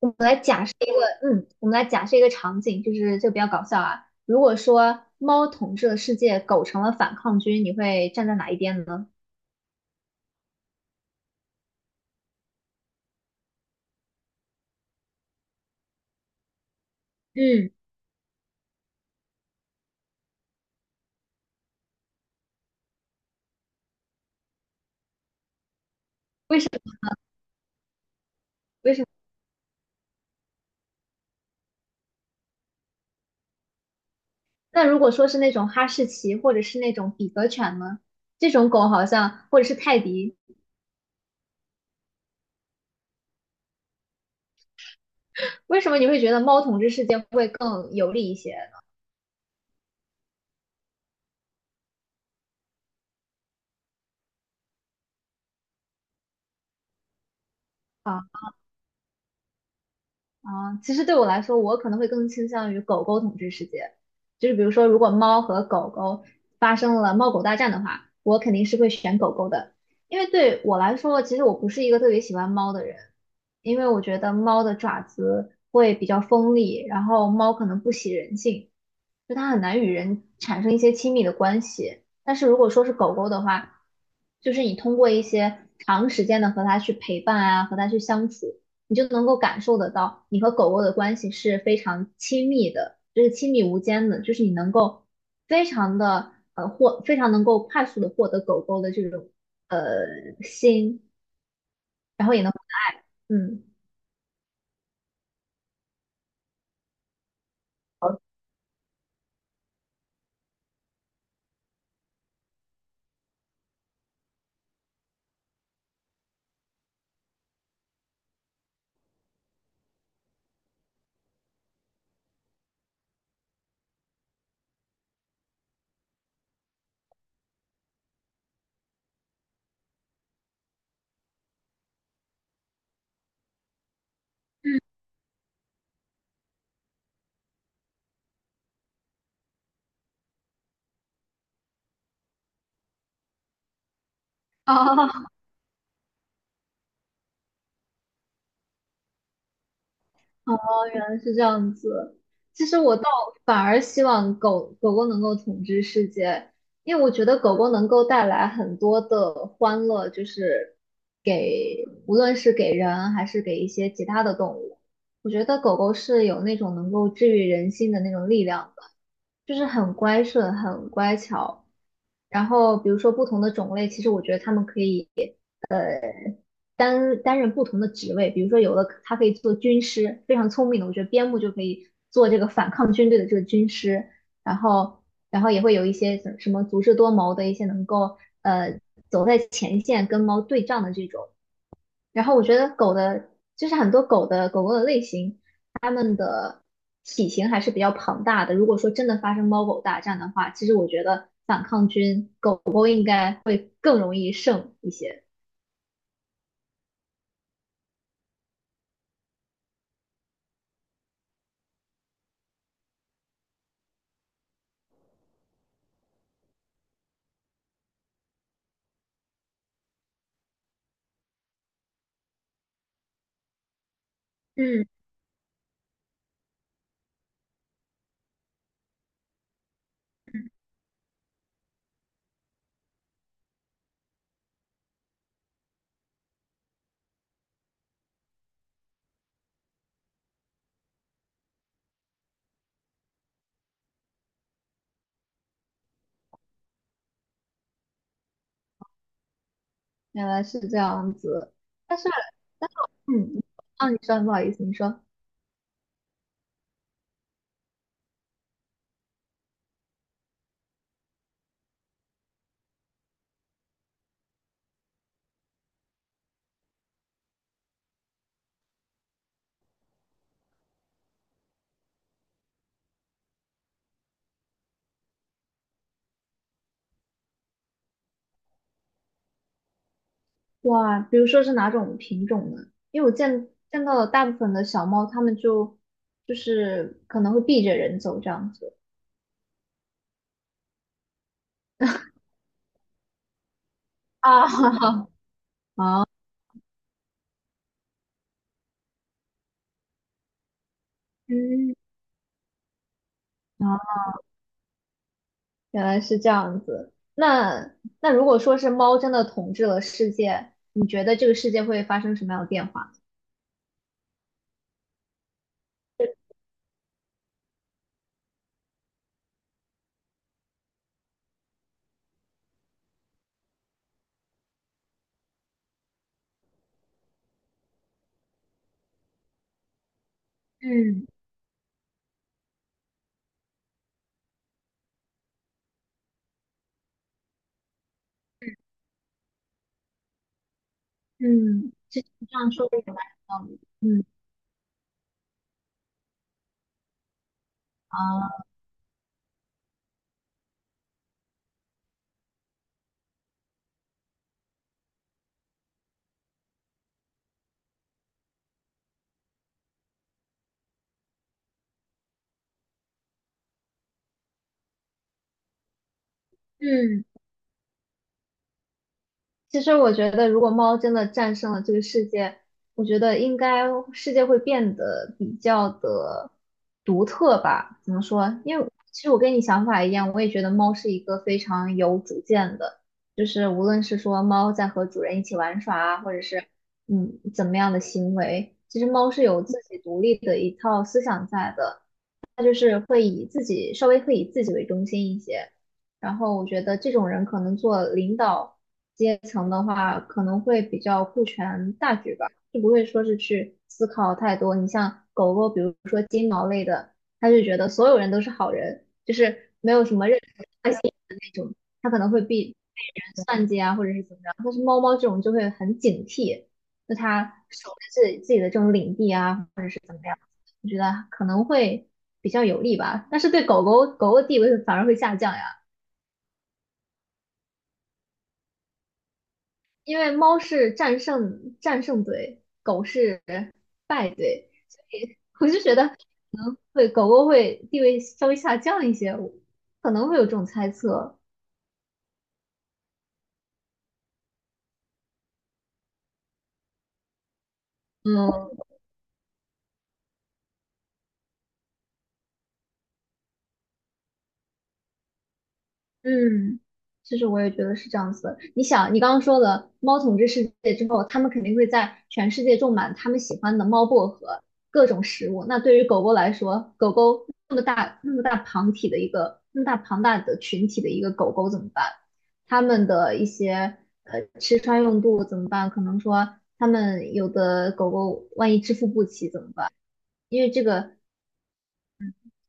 我们来假设一个场景，就比较搞笑啊。如果说猫统治了世界，狗成了反抗军，你会站在哪一边呢？嗯，为什么？为什么？那如果说是那种哈士奇，或者是那种比格犬呢？这种狗好像，或者是泰迪，为什么你会觉得猫统治世界会更有利一些呢？啊。啊，其实对我来说，我可能会更倾向于狗狗统治世界。就是比如说，如果猫和狗狗发生了猫狗大战的话，我肯定是会选狗狗的，因为对我来说，其实我不是一个特别喜欢猫的人，因为我觉得猫的爪子会比较锋利，然后猫可能不喜人性。就它很难与人产生一些亲密的关系。但是如果说是狗狗的话，就是你通过一些长时间的和它去陪伴啊，和它去相处，你就能够感受得到你和狗狗的关系是非常亲密的，就是亲密无间的，就是你能够，非常能够快速的获得狗狗的这种呃心，然后也能嗯。嗯哦，哦，原来是这样子。其实我倒反而希望狗狗能够统治世界，因为我觉得狗狗能够带来很多的欢乐，就是给无论是给人还是给一些其他的动物，我觉得狗狗是有那种能够治愈人心的那种力量的，就是很乖顺、很乖巧。然后比如说不同的种类，其实我觉得它们可以。担任不同的职位，比如说有的他可以做军师，非常聪明的，我觉得边牧就可以做这个反抗军队的这个军师，然后然后也会有一些什么足智多谋的一些能够走在前线跟猫对仗的这种，然后我觉得狗的就是很多狗狗的类型，它们的体型还是比较庞大的，如果说真的发生猫狗大战的话，其实我觉得反抗军狗狗应该会更容易胜一些，嗯，原来是这样子。但是，嗯，啊，你说，不好意思，你说，哇，比如说是哪种品种呢？因为我见到了大部分的小猫，它们就就是可能会避着人走这样子。啊，嗯，啊，原来是这样子。那那如果说是猫真的统治了世界，你觉得这个世界会发生什么样的变化？嗯嗯，其实你这样说的也蛮有道理的。嗯啊，嗯。其实我觉得，如果猫真的战胜了这个世界，我觉得应该世界会变得比较的独特吧？怎么说？因为其实我跟你想法一样，我也觉得猫是一个非常有主见的，就是无论是说猫在和主人一起玩耍啊，或者是怎么样的行为，其实猫是有自己独立的一套思想在的。他就是会以自己稍微会以自己为中心一些。然后我觉得这种人可能做领导阶层的话，可能会比较顾全大局吧，就不会说是去思考太多。你像狗狗，比如说金毛类的，他就觉得所有人都是好人，就是没有什么任何坏心的那种，他可能会被人算计啊，或者是怎么样。但是猫猫这种就会很警惕，就它守着自己的这种领地啊，或者是怎么样。我觉得可能会比较有利吧。但是对狗狗的地位反而会下降呀，因为猫是战胜队，狗是败队。我就觉得可能会狗狗会地位稍微下降一些，我可能会有这种猜测。嗯，嗯，其实我也觉得是这样子的。你想，你刚刚说了猫统治世界之后，它们肯定会在全世界种满它们喜欢的猫薄荷各种食物。那对于狗狗来说，狗狗那么大那么大庞体的一个那么大庞大的群体的一个狗狗怎么办？它们的一些吃穿用度怎么办？可能说它们有的狗狗万一支付不起怎么办？因为这个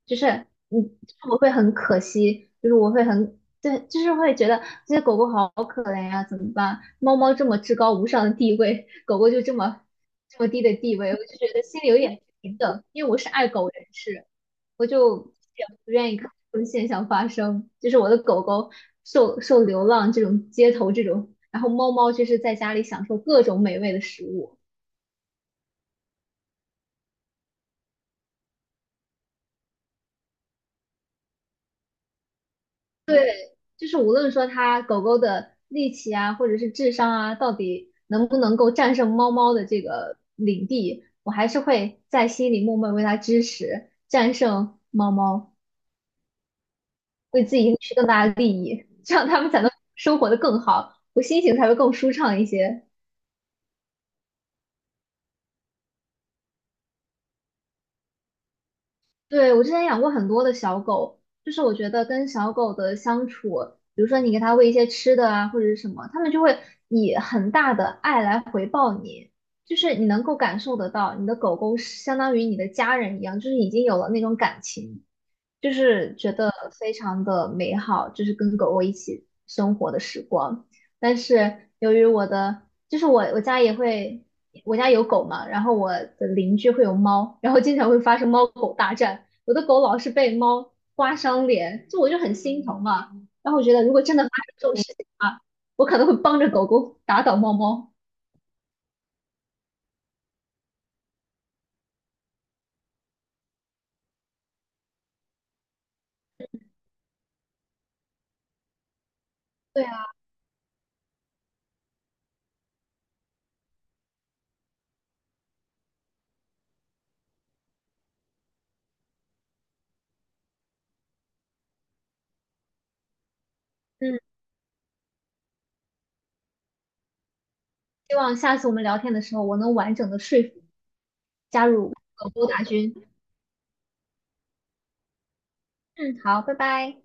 就是嗯，就是我会很可惜，就是我会很对，就是会觉得这些狗狗好可怜呀、怎么办？猫猫这么至高无上的地位，狗狗就这么低的地位，我就觉得心里有点不平等，因为我是爱狗人士，我就也不愿意看这种现象发生，就是我的狗狗受流浪这种街头这种，然后猫猫就是在家里享受各种美味的食物。就是无论说它狗狗的力气啊，或者是智商啊，到底能不能够战胜猫猫的这个领地，我还是会在心里默默为它支持，战胜猫猫，为自己赢取更大的利益，这样它们才能生活的更好，我心情才会更舒畅一些。对，我之前养过很多的小狗，就是我觉得跟小狗的相处，比如说你给它喂一些吃的啊，或者是什么，它们就会以很大的爱来回报你，就是你能够感受得到，你的狗狗是相当于你的家人一样，就是已经有了那种感情。就是觉得非常的美好，就是跟狗狗一起生活的时光。但是由于我的，就是我家也会，我家有狗嘛，然后我的邻居会有猫，然后经常会发生猫狗大战。我的狗老是被猫刮伤脸，就我就很心疼嘛。然后我觉得如果真的发生这种事情啊，我可能会帮着狗狗打倒猫猫。对啊，嗯，希望下次我们聊天的时候，我能完整的说服加入狗狗大军。嗯，好，拜拜。